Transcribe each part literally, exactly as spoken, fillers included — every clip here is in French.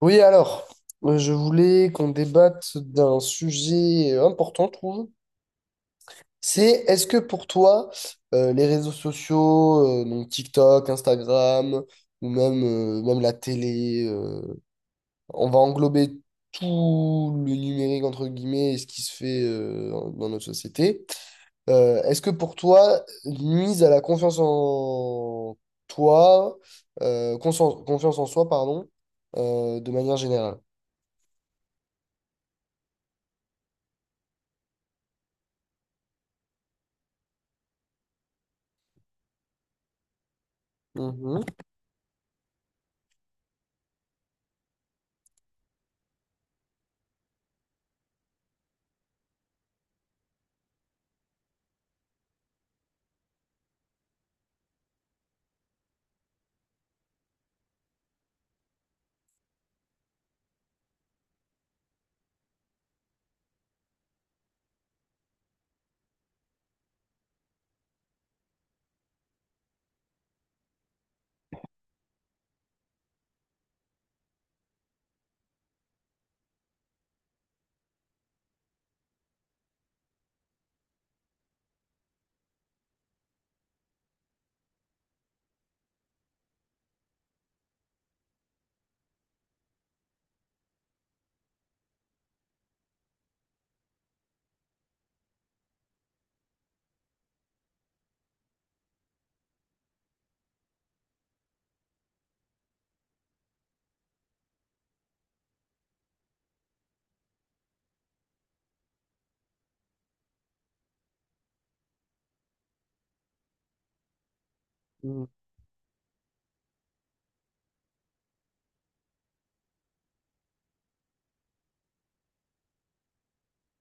Oui, alors, euh, je voulais qu'on débatte d'un sujet important, je trouve. C'est, est-ce que pour toi, euh, les réseaux sociaux, euh, donc TikTok, Instagram, ou même, euh, même la télé, euh, on va englober tout le numérique, entre guillemets, et ce qui se fait euh, dans notre société. Euh, est-ce que pour toi, nuise à la confiance en toi, euh, conscience- confiance en soi, pardon, euh, de manière générale? Mhm.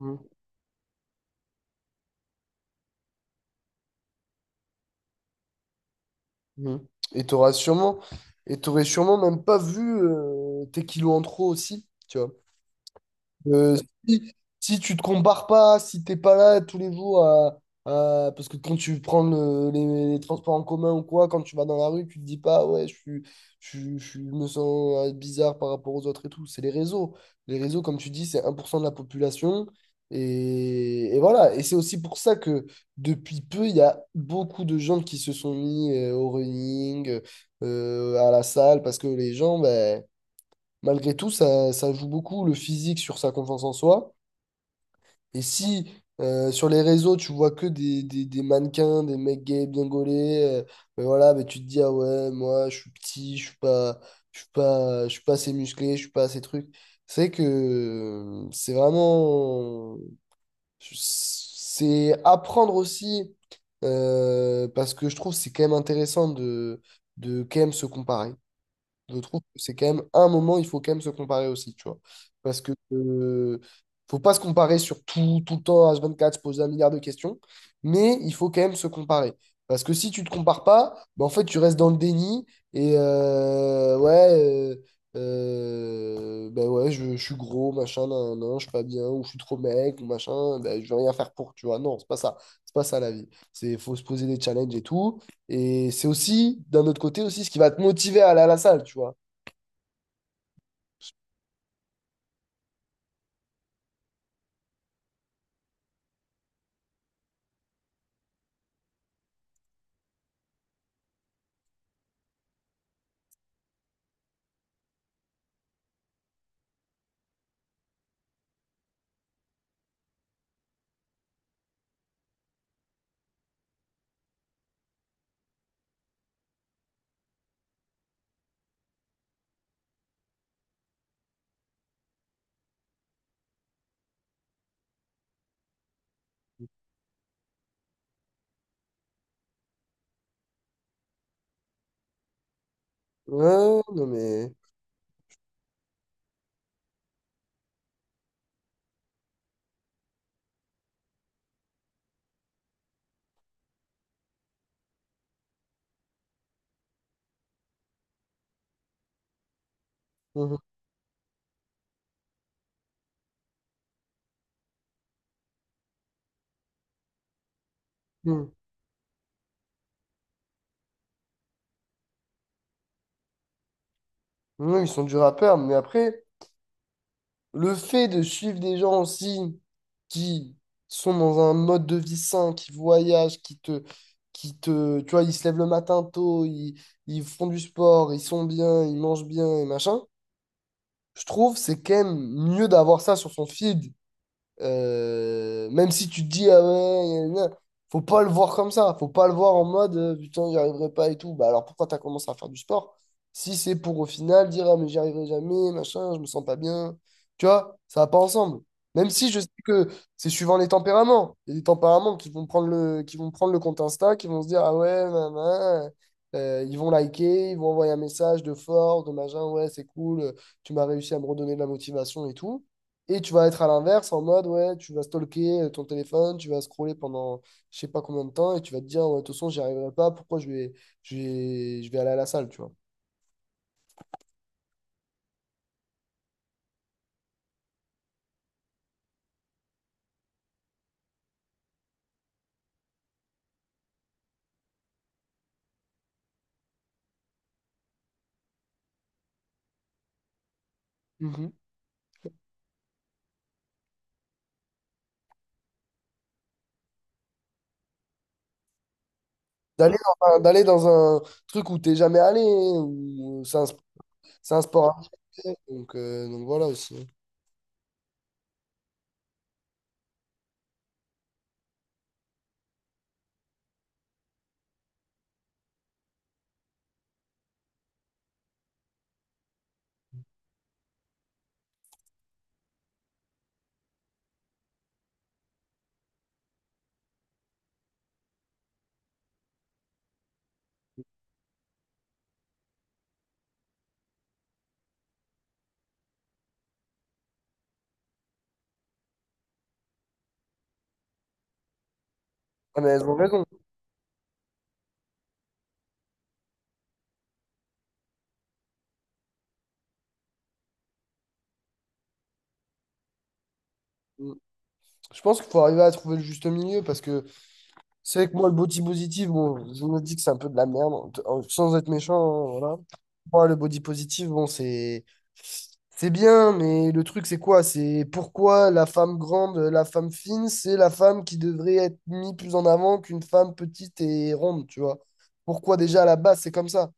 Mhm, mhm. Et t'auras sûrement, et t'aurais sûrement même pas vu euh, tes kilos en trop aussi, tu vois. Euh, si, Si tu te compares pas, si t'es pas là tous les jours à, à- parce que quand tu prends le- les, les transports en commun ou quoi, quand tu vas dans la rue, tu te dis pas ouais, je suis, je, suis- je suis- je me sens euh, bizarre par rapport aux autres et tout. C'est les réseaux. Les réseaux, comme tu dis, c'est un pour cent de la population. Et, et voilà. Et c'est aussi pour ça que depuis peu, il y a beaucoup de gens qui se sont mis euh, au running, euh, à la salle, parce que les gens, ben malgré tout, ça, ça joue beaucoup le physique sur sa confiance en soi. Et si euh, sur les réseaux, tu vois que des, des, des mannequins, des mecs gays bien gaulés, euh, ben voilà, ben tu te dis, ah ouais, moi, je suis petit, je suis pas, je suis pas, je suis pas assez musclé, je suis pas assez truc. C'est que euh, c'est vraiment. C'est apprendre aussi, euh, parce que je trouve que c'est quand même intéressant de, de quand même se comparer. Je trouve que c'est quand même un moment, il faut quand même se comparer aussi, tu vois. Parce que euh, faut pas se comparer sur tout, tout le temps, H vingt-quatre, se poser un milliard de questions, mais il faut quand même se comparer. Parce que si tu te compares pas, bah, en fait, tu restes dans le déni et euh, ouais, euh, euh, bah ouais, je, je suis gros, machin, nan, nan, je suis pas bien, ou je suis trop mec, ou machin, bah, je vais rien faire pour, tu vois. Non, c'est pas ça. C'est pas ça la vie. C'est, faut se poser des challenges et tout. Et c'est aussi, d'un autre côté aussi, ce qui va te motiver à aller à la salle, tu vois. Ouais, non mais... Mhm. Mhm. Mhm, ils sont durs à perdre, mais après, le fait de suivre des gens aussi qui sont dans un mode de vie sain, qui voyagent, qui te... qui te... tu vois, ils se lèvent le matin tôt, ils, ils font du sport, ils sont bien, ils mangent bien et machin, je trouve c'est quand même mieux d'avoir ça sur son feed. Euh, même si tu te dis, ah ouais, gna, gna, gna, faut pas le voir comme ça. Faut pas le voir en mode, euh, putain, j'y arriverai pas et tout. Bah alors pourquoi t'as commencé à faire du sport? Si c'est pour au final dire, ah mais j'y arriverai jamais, machin, je me sens pas bien. Tu vois, ça va pas ensemble. Même si je sais que c'est suivant les tempéraments. Il y a des tempéraments qui vont prendre le, qui vont prendre le compte Insta, qui vont se dire, ah ouais, nan, nan, euh, ils vont liker, ils vont envoyer un message de force, de machin, ouais, c'est cool, tu m'as réussi à me redonner de la motivation et tout. Et tu vas être à l'inverse, en mode, ouais, tu vas stalker euh, ton téléphone, tu vas scroller pendant je sais pas combien de temps, et tu vas te dire, ouais, de toute façon, j'y arriverai pas, pourquoi je vais, je vais, je vais aller à la salle, tu vois. Mhm. D'aller dans un, D'aller dans un truc où t'es jamais allé, où c'est un, sp- c'est un sport à faire, donc, euh, donc voilà aussi. Ah, mais elles ont raison. Mmh. Je pense qu'il faut arriver à trouver le juste milieu, parce que c'est vrai que moi, le body positive, bon, je me dis que c'est un peu de la merde, en- sans être méchant, hein, voilà. Moi, le body positive, bon, c'est c'est bien, mais le truc, c'est quoi? C'est pourquoi la femme grande, la femme fine, c'est la femme qui devrait être mise plus en avant qu'une femme petite et ronde, tu vois? Pourquoi déjà à la base, c'est comme ça?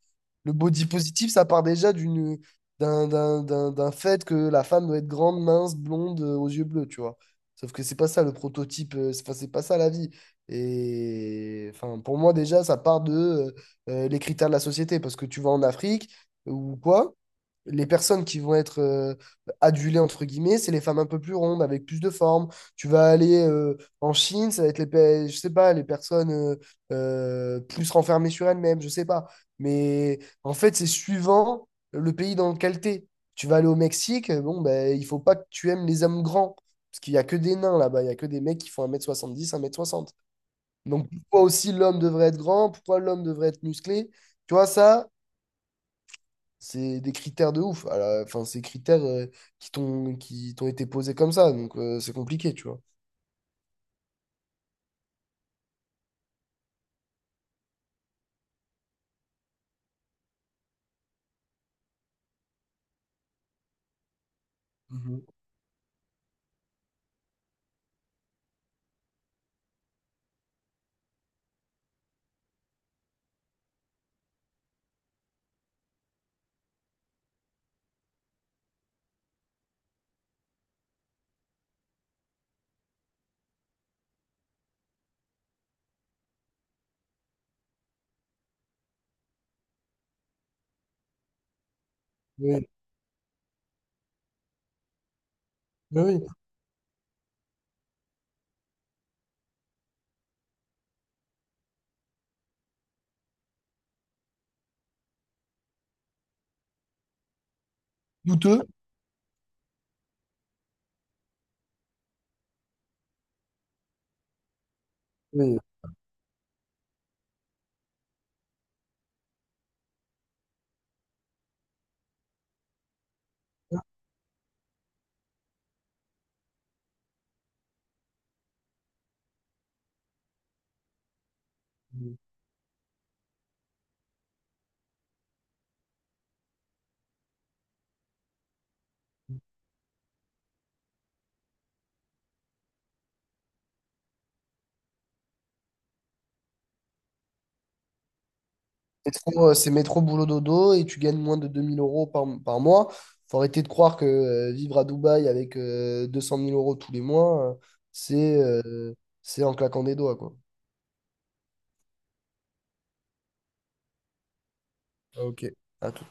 Le body positive, ça part déjà d'une d'un d'un- d'un- d'un fait que la femme doit être grande, mince, blonde, euh, aux yeux bleus, tu vois? Sauf que c'est pas ça le prototype, euh, c'est enfin, c'est pas ça la vie. Et enfin, pour moi, déjà, ça part de euh, les critères de la société. Parce que tu vas en Afrique ou quoi, les personnes qui vont être euh, adulées, entre guillemets, c'est les femmes un peu plus rondes, avec plus de forme. Tu vas aller euh, en Chine, ça va être les, pe- je sais pas, les personnes euh, euh, plus renfermées sur elles-mêmes, je sais pas. Mais en fait, c'est suivant le pays dans lequel t'es. Tu vas aller au Mexique, euh, bon, ben, il faut pas que tu aimes les hommes grands. Parce qu'il y a que des nains là-bas, il y a que des mecs qui font un mètre soixante dix un mètre soixante. Donc, pourquoi aussi l'homme devrait être grand? Pourquoi l'homme devrait être musclé? Tu vois, ça, c'est des critères de ouf. Alors, enfin, c'est des critères euh, qui t'ont qui t'ont été posés comme ça. Donc, euh, c'est compliqué, tu vois. Mhm. Oui, oui, oui. Douteux. Oui. C'est trop, euh, c'est métro boulot dodo et tu gagnes moins de deux mille euros par, par mois. Faut arrêter de croire que euh, vivre à Dubaï avec euh, deux cent mille euros tous les mois, euh, c'est euh, c'est en claquant des doigts, quoi. Ok, à tout.